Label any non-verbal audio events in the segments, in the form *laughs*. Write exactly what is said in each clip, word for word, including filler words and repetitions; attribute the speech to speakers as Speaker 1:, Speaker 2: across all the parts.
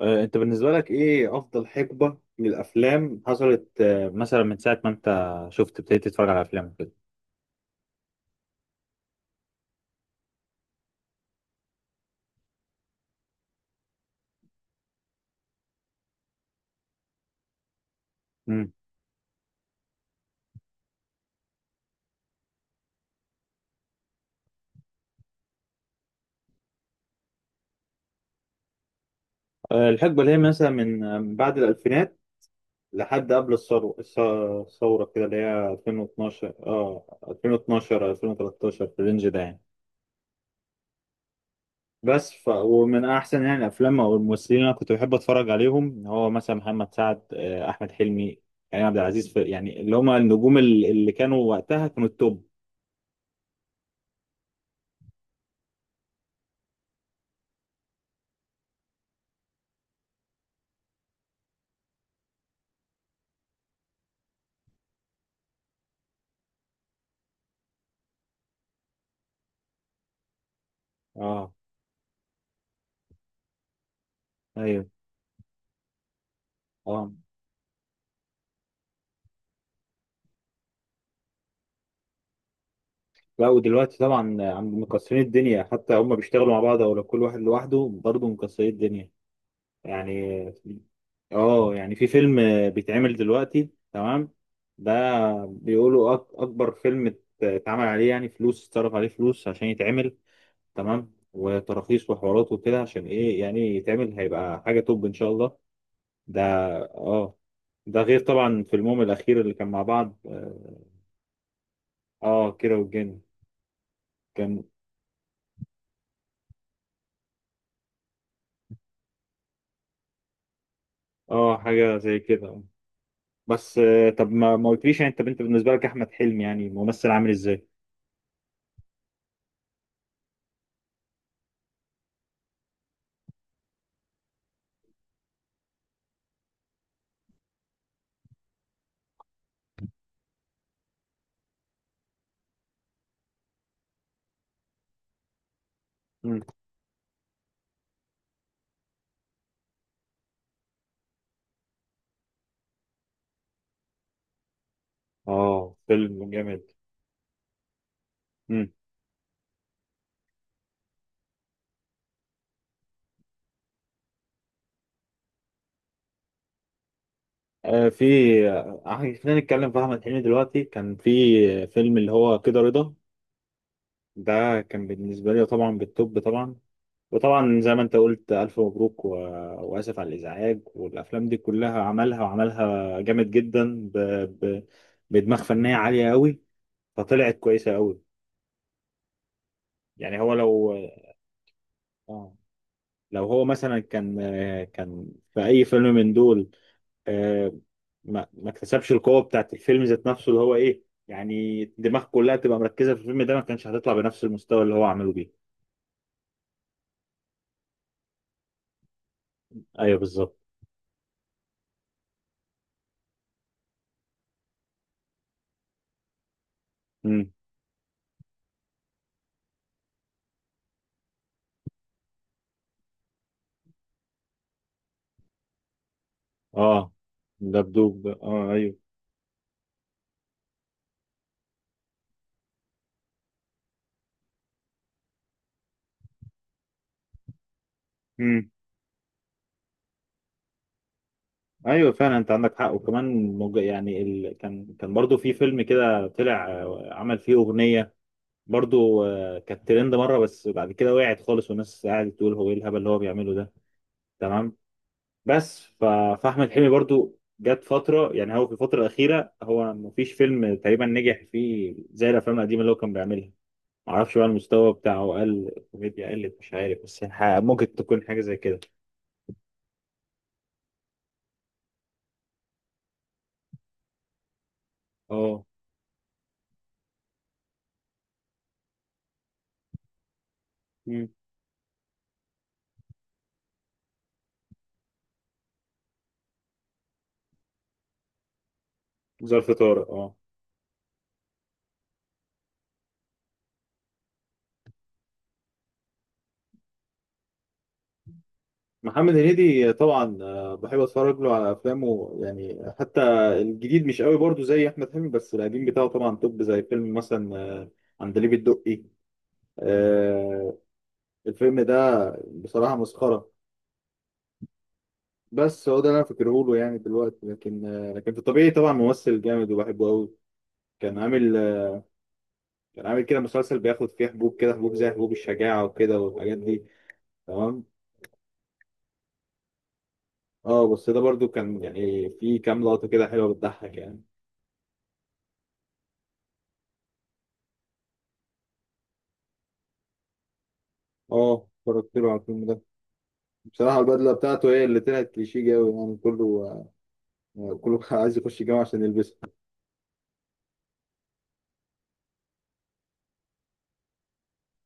Speaker 1: آه، انت بالنسبة لك ايه افضل حقبة للافلام حصلت، آه، مثلا من ساعة ما انت شفت ابتديت تتفرج على افلام كده. امم آه، الحقبة اللي هي مثلا من آه، من بعد الالفينات لحد قبل الثورة الث- الثورة كده اللي هي ألفين واتناشر، اه ألفين واتناشر ألفين وتلتاشر، في الرينج ده يعني. بس ف... ومن احسن يعني الافلام او الممثلين اللي انا كنت بحب اتفرج عليهم هو مثلا محمد سعد، آه، احمد حلمي، كريم عبد العزيز في... يعني اللي هم النجوم اللي اللي كانوا وقتها كانوا التوب. اه. ايوه. اه، لا، ودلوقتي طبعا عند مكسرين الدنيا، حتى هم بيشتغلوا مع بعض او لو كل واحد لوحده برضه مكسرين الدنيا يعني. اه، يعني في فيلم بيتعمل دلوقتي، تمام، ده بيقولوا أك- اكبر فيلم ات- اتعمل عليه يعني فلوس، اتصرف عليه فلوس عشان يتعمل، تمام، وتراخيص وحوارات وكده، عشان ايه يعني يتعمل هيبقى حاجة توب ان شاء الله. ده. اه. ده غير طبعا فيلمهم الاخير اللي كان مع بعض، اه، آه، كيرة والجن. كان، اه، حاجة زي كده. بس آه، طب، ما ما قلتليش يعني، انت انت بالنسبه لك احمد حلمي يعني ممثل عامل ازاي؟ مم. اه، فيلم جامد. مم. آه، في آه، آه، خلينا نتكلم في احمد حلمي. دلوقتي كان في، آه، فيلم اللي هو كده رضا، ده كان بالنسبه لي طبعا بالتوب طبعا. وطبعا زي ما انت قلت، الف مبروك و... واسف على الازعاج، والافلام دي كلها عملها، وعملها جامد جدا ب... ب... بدماغ فنيه عاليه قوي، فطلعت كويسه قوي. يعني هو لو، اه، لو هو مثلا كان، آه، كان في اي فيلم من دول، آه، ما ما اكتسبش القوه بتاعت الفيلم ذات نفسه اللي هو ايه، يعني الدماغ كلها تبقى مركزه في الفيلم ده، ما كانش هتطلع بنفس المستوى اللي هو عمله بيه. ايوه بالظبط. امم. اه، دبدوب، اه ايوه. امم. ايوه فعلا انت عندك حق، وكمان مج... يعني ال... كان كان برضو في فيلم كده طلع، آه، عمل فيه اغنيه برضو، آه، كانت ترند مره، بس بعد كده وقعت خالص، والناس قاعده تقول هو ايه الهبل اللي هو بيعمله ده. تمام. بس ف... فاحمد حلمي برضو جت فتره، يعني هو في الفتره الاخيره هو مفيش فيلم تقريبا نجح فيه زي الافلام القديمه اللي هو كان بيعملها. معرفش بقى، المستوى بتاعه قل، الكوميديا قلت، مش عارف، بس يعني، ح- ممكن تكون حاجه زي كده. اه. مم. ظرف طارق، اه. محمد هنيدي طبعا، آه، بحب اتفرج له على افلامه يعني. حتى الجديد مش قوي برضو زي احمد حلمي، بس القديم بتاعه طبعا توب، زي فيلم مثلا، آه، عندليب الدقي، آه، الفيلم ده بصراحه مسخره. بس هو ده اللي انا فاكره له يعني دلوقتي، لكن، آه، لكن في الطبيعي طبعا ممثل جامد وبحبه قوي. كان عامل، آه، كان عامل كده مسلسل بياخد فيه حبوب كده، حبوب زي حبوب الشجاعة وكده والحاجات دي، تمام. اه، بس ده برضو كان يعني في كام لقطة كده حلوة بتضحك يعني. اه، اتفرجت له على الفيلم ده. بصراحة البدلة بتاعته هي اللي طلعت كليشيه قوي، يعني كله، آه، كله *laughs* كان عايز يخش الجامعة عشان يلبسها.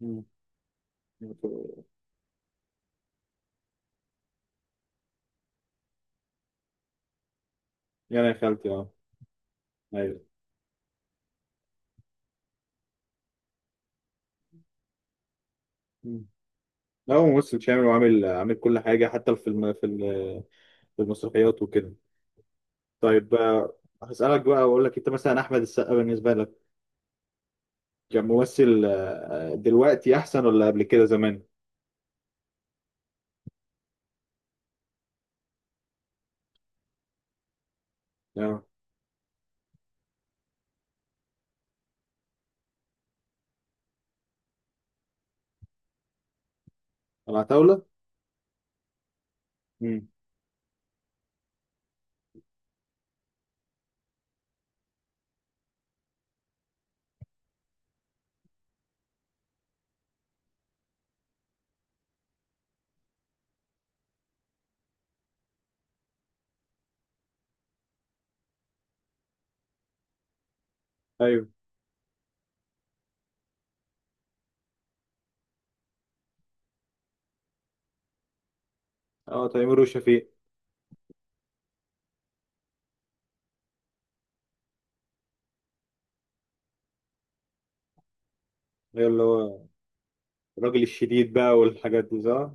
Speaker 1: مم. يعني يا خالتي، اه. ايوه. مم. لا، هو ممثل شامل وعامل، عامل كل حاجة، حتى في الم... في ال- في المسرحيات وكده. طيب، آه، هسألك بقى وأقول لك، أنت مثلا أحمد السقا بالنسبة لك كان ممثل، آه، دلوقتي أحسن ولا قبل كده زمان؟ أه. العتاولة؟ امم. أيوه. أه، تيمور وشفيق. أيوه، اللي هو الراجل الشديد بقى والحاجات دي، صح؟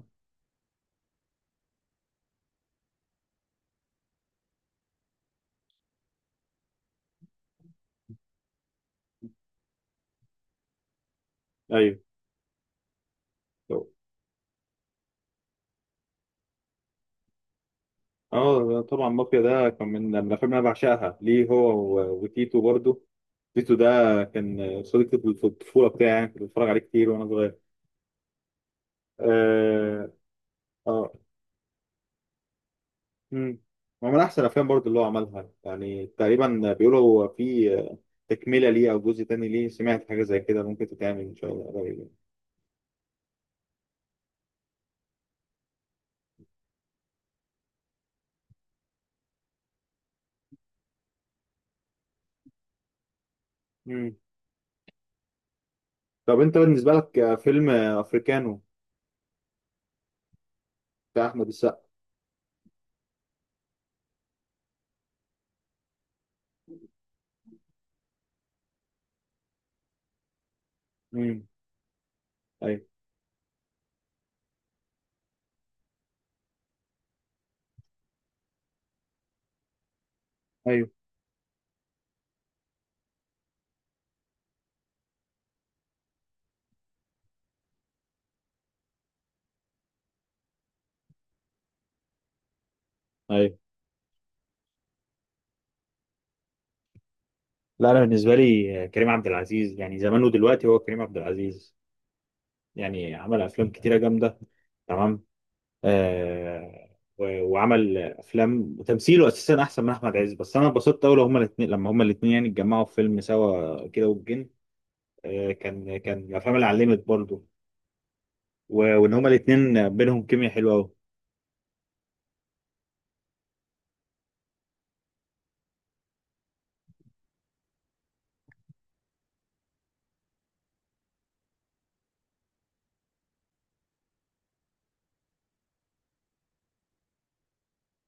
Speaker 1: أيوه. طب- أه، طبعا مافيا ده كان من من الأفلام اللي أنا بعشقها ليه هو، و- وتيتو برضه. تيتو ده كان صديقي في الطفولة بتاعي يعني، كنت بتفرج عليه كتير وأنا صغير. أه. آه. مم. هو من احسن الافلام برضه اللي هو عملها يعني. تقريبا بيقولوا هو في تكمله ليه او جزء تاني ليه، سمعت حاجه زي كده، ممكن تتعمل ان شاء الله قريب يعني. مم. طب انت بالنسبه لك فيلم افريكانو بتاع احمد السقا؟ امم. ايوه. ايوه. ايوه. لا، انا بالنسبه لي كريم عبد العزيز. يعني زمان ودلوقتي هو كريم عبد العزيز. يعني عمل افلام كتيره جامده، تمام، آه، و- وعمل افلام، وتمثيله اساسا احسن من احمد عز. بس انا اتبسطت قوي لو هما الاثنين، لما هما الاثنين يعني اتجمعوا في فيلم سوا، كده والجن، آه، كان كان من الافلام اللي علمت برضه. و- وان هما الاثنين بينهم كيمياء حلوه قوي.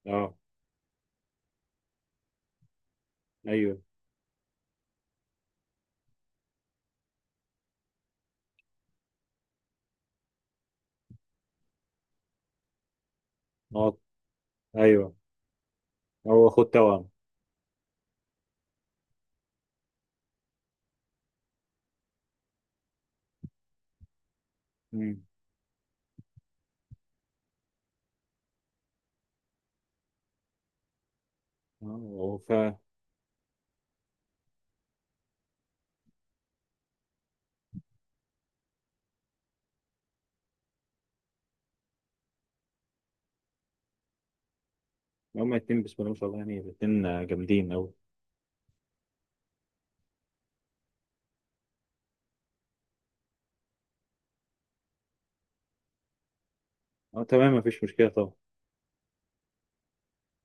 Speaker 1: اه. ايوه. اه ايوه، هو اخو توام. امم. اه هو ف. هما الاثنين بسم الله ما شاء الله، يعني الاثنين جامدين قوي. اه تمام، مفيش مشكله طبعا.